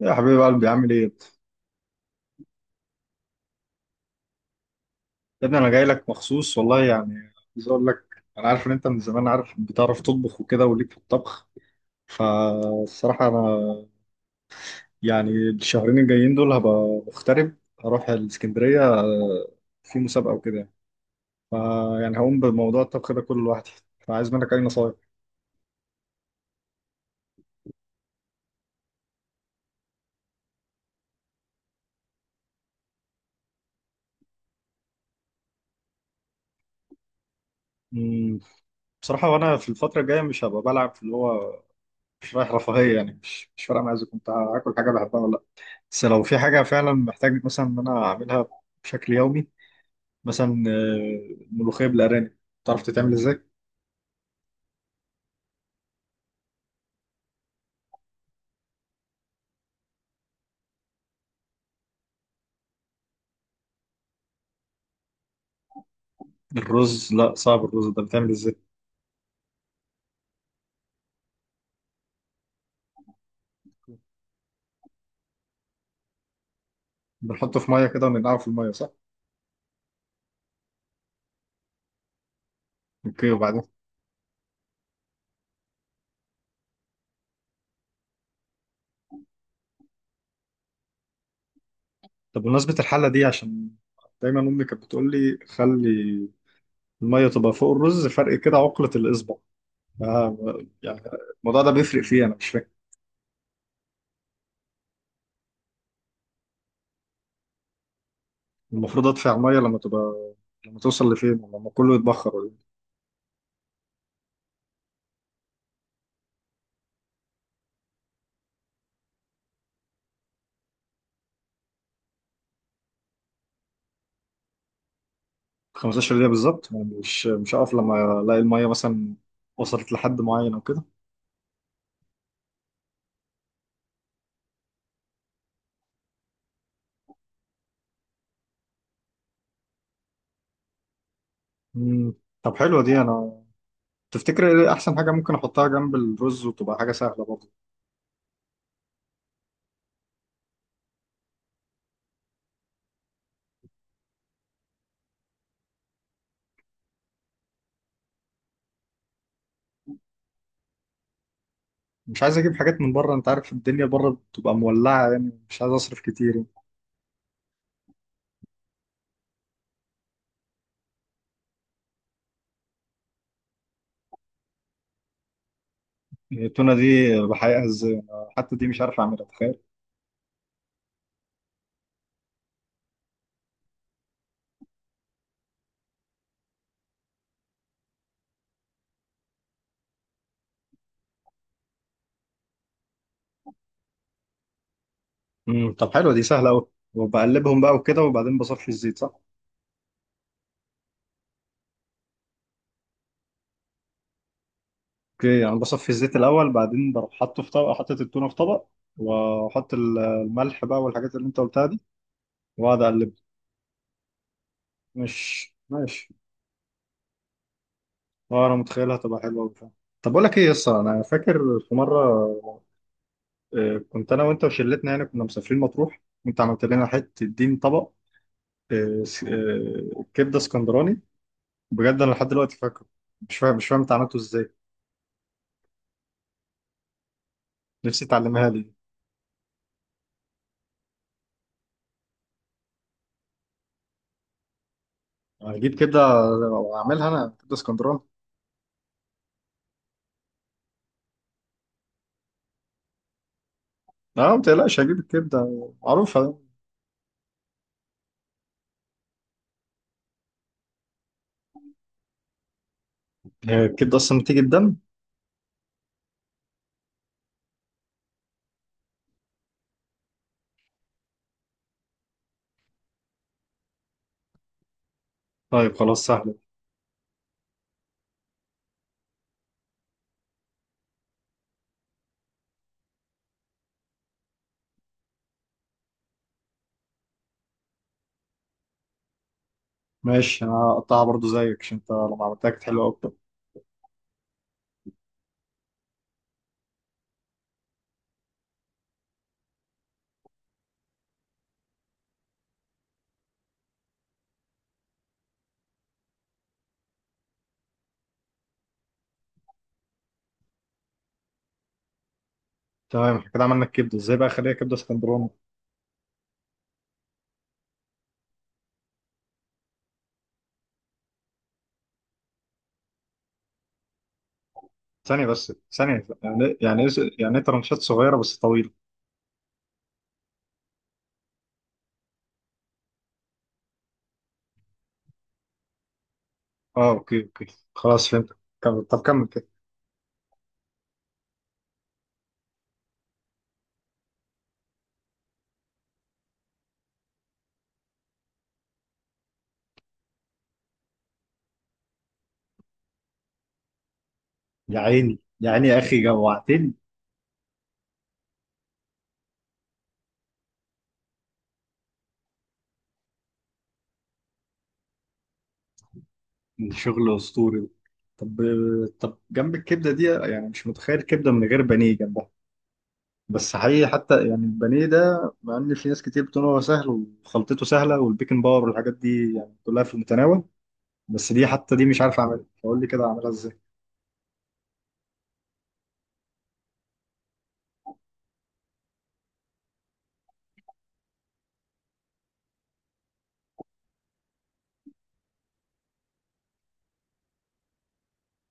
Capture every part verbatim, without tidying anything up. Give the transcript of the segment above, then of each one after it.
يا حبيب قلبي، عامل ايه؟ يا ابني، انا جاي لك مخصوص والله. يعني عايز اقول لك، انا عارف ان انت من زمان عارف، بتعرف تطبخ وكده وليك في الطبخ. فالصراحة انا يعني الشهرين الجايين دول هبقى مغترب. هروح الاسكندرية آه، في مسابقة وكده يعني. فيعني هقوم بموضوع الطبخ ده كله لوحدي، فعايز منك اي نصايح. أمم، بصراحة، وانا في الفترة الجاية مش هبقى بلعب في اللي هو مش رايح رفاهية. يعني مش مش فارقة معايا اذا كنت هاكل حاجة بحبها ولا لا. بس لو في حاجة فعلا محتاج مثلا ان انا اعملها بشكل يومي، مثلا آه، ملوخية بالأرانب، تعرف تتعمل ازاي؟ الرز، لا، صعب. الرز ده بتعمل ازاي؟ بنحطه في مية كده وننقعه في المية، صح؟ اوكي، وبعدين؟ طب بمناسبة الحلة دي، عشان دايما أمي كانت بتقول لي خلي المية تبقى فوق الرز فرق كده عقلة الإصبع. آه يعني الموضوع ده بيفرق فيه، أنا مش فاهم. المفروض أدفع مية لما تبقى، لما توصل لفين؟ لما كله يتبخر ولا إيه؟ خمستاشر دقيقة بالظبط؟ يعني مش مش هقف لما ألاقي المية مثلا وصلت لحد معين أو كده؟ مم. طب حلوة دي. أنا تفتكر ايه احسن حاجه ممكن احطها جنب الرز وتبقى حاجه سهله برضه؟ مش عايز اجيب حاجات من بره، انت عارف الدنيا بره بتبقى مولعه، يعني مش عايز اصرف كتير. يعني التونه دي بحقيقه ازاي؟ أنا حتى دي مش عارف اعملها، تخيل. امم طب حلوه دي، سهله قوي. وبقلبهم بقى وكده وبعدين بصفي الزيت، صح؟ اوكي، يعني بصفي الزيت الاول بعدين بروح حاطه في طبق، حاطط التونه في طبق واحط ال- الملح بقى والحاجات اللي انت قلتها دي، واقعد اقلب. مش ماشي. اه، انا متخيلها تبقى حلوه وبتاع. طب بقول لك ايه يا اسطى، انا فاكر في مره آه، كنت انا وانت وشلتنا، يعني كنا مسافرين مطروح، وانت عملت لنا حته دين طبق آه، س- آه، كبده اسكندراني. بجد انا لحد دلوقتي فاكره. مش فاهم مش فاهم انت عملته ازاي. نفسي تعلمها لي. هجيب كبده واعملها انا كبده اسكندراني. لا، ما تقلقش، هجيب الكبده معروفه. هي الكبده اصلا بتيجي الدم؟ طيب خلاص، سهله. ماشي، انا هقطعها برضو زيك عشان انت لما عملتها كانت حلوه اكتر. تمام، احنا كده عملنا الكبده، ازاي بقى اخليها كبده اسكندراني؟ ثانيه بس، ثانيه. يعني يعني يعني ايه؟ يعني ايه ترنشات صغيره بس طويله؟ اه، اوكي، اوكي. خلاص فهمت. كمل، طب كمل كده. يا عيني يا عيني، يا اخي جوعتني. من شغل اسطوري. طب طب جنب الكبده دي، يعني مش متخيل كبده من غير بانيه جنبها. بس حقيقي حتى يعني البانيه ده، مع ان في ناس كتير بتقول هو سهل وخلطته سهله والبيكنج باور والحاجات دي يعني كلها في المتناول، بس دي حتى دي مش عارف اعملها، فقول لي كده اعملها ازاي.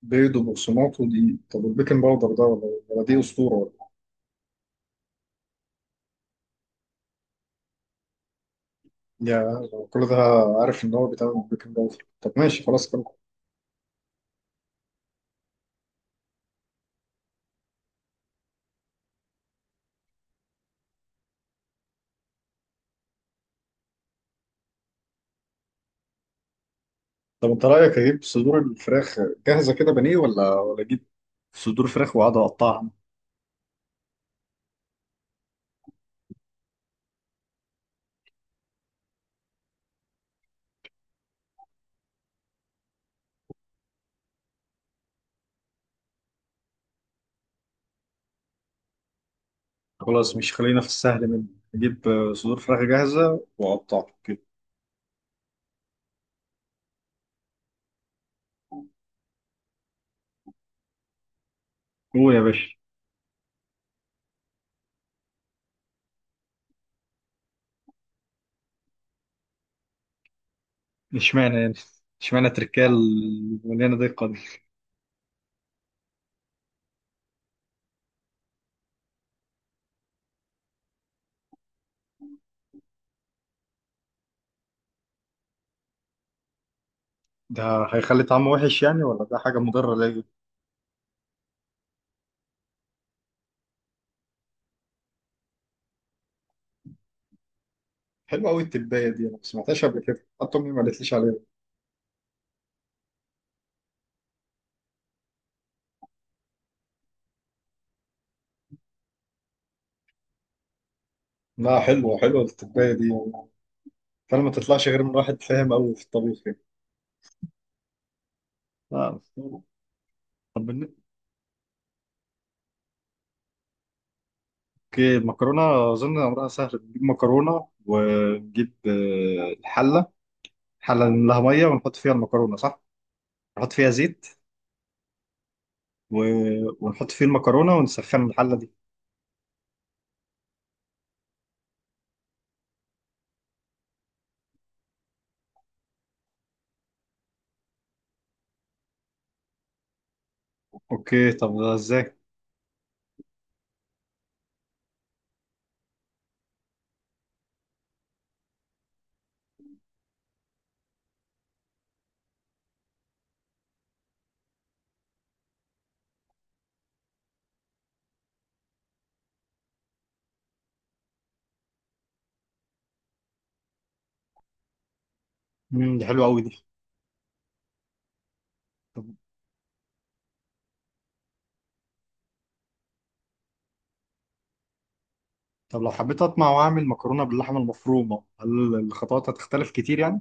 بيض وبقسماط ودي؟ طب البيكنج باودر ده ولا ولا دي اسطوره ولا؟ يا، كل ده؟ عارف ان هو بيتعمل بالبيكنج باودر. طب ماشي خلاص، كمل. طب انت رايك اجيب صدور الفراخ جاهزه كده بانيه ولا ولا اجيب صدور فراخ واقعد اقطعها؟ خلاص، مش خلينا في السهل منه. اجيب آه، صدور فراخ جاهزه واقطعها كده. هو يا باشا. اشمعنى يعني؟ اشمعنى تركال مليانه دقه دي؟ ده هيخلي طعمه وحش يعني ولا ده حاجه مضره ليا؟ حلوه قوي التبايه دي، انا ما سمعتهاش قبل كده، حتى امي ما قالتليش عليها. لا، حلوه حلوه التبايه دي. فعلا ما تطلعش غير من واحد فاهم قوي في الطبيخ، يعني. لا. طب. اوكي، المكرونه اظن امرها سهل. بنجيب مكرونه ونجيب آه، الحله، حله نملاها ميه ونحط فيها المكرونه، صح؟ نحط فيها زيت و... ونحط فيه المكرونه ونسخن الحله دي. اوكي، طب ده ازاي؟ امم دي حلوه قوي دي. طب... طب لو حبيت اطمع واعمل مكرونه باللحمه المفرومه، هل الخطوات هتختلف كتير يعني؟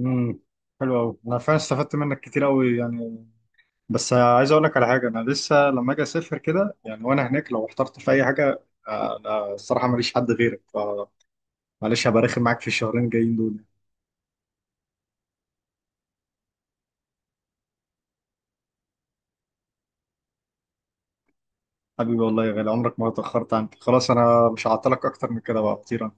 امم حلو قوي. انا فعلا استفدت منك كتير قوي يعني. بس عايز اقول لك على حاجه، انا لسه لما اجي اسافر كده يعني وانا هناك لو احترت في اي حاجه آه، انا الصراحه ماليش حد غيرك. معلش هبقى رخم معاك في الشهرين الجايين دول. حبيبي، والله يا غالي، عمرك ما اتأخرت عنك. خلاص انا مش هعطلك اكتر من كده، بقى طير.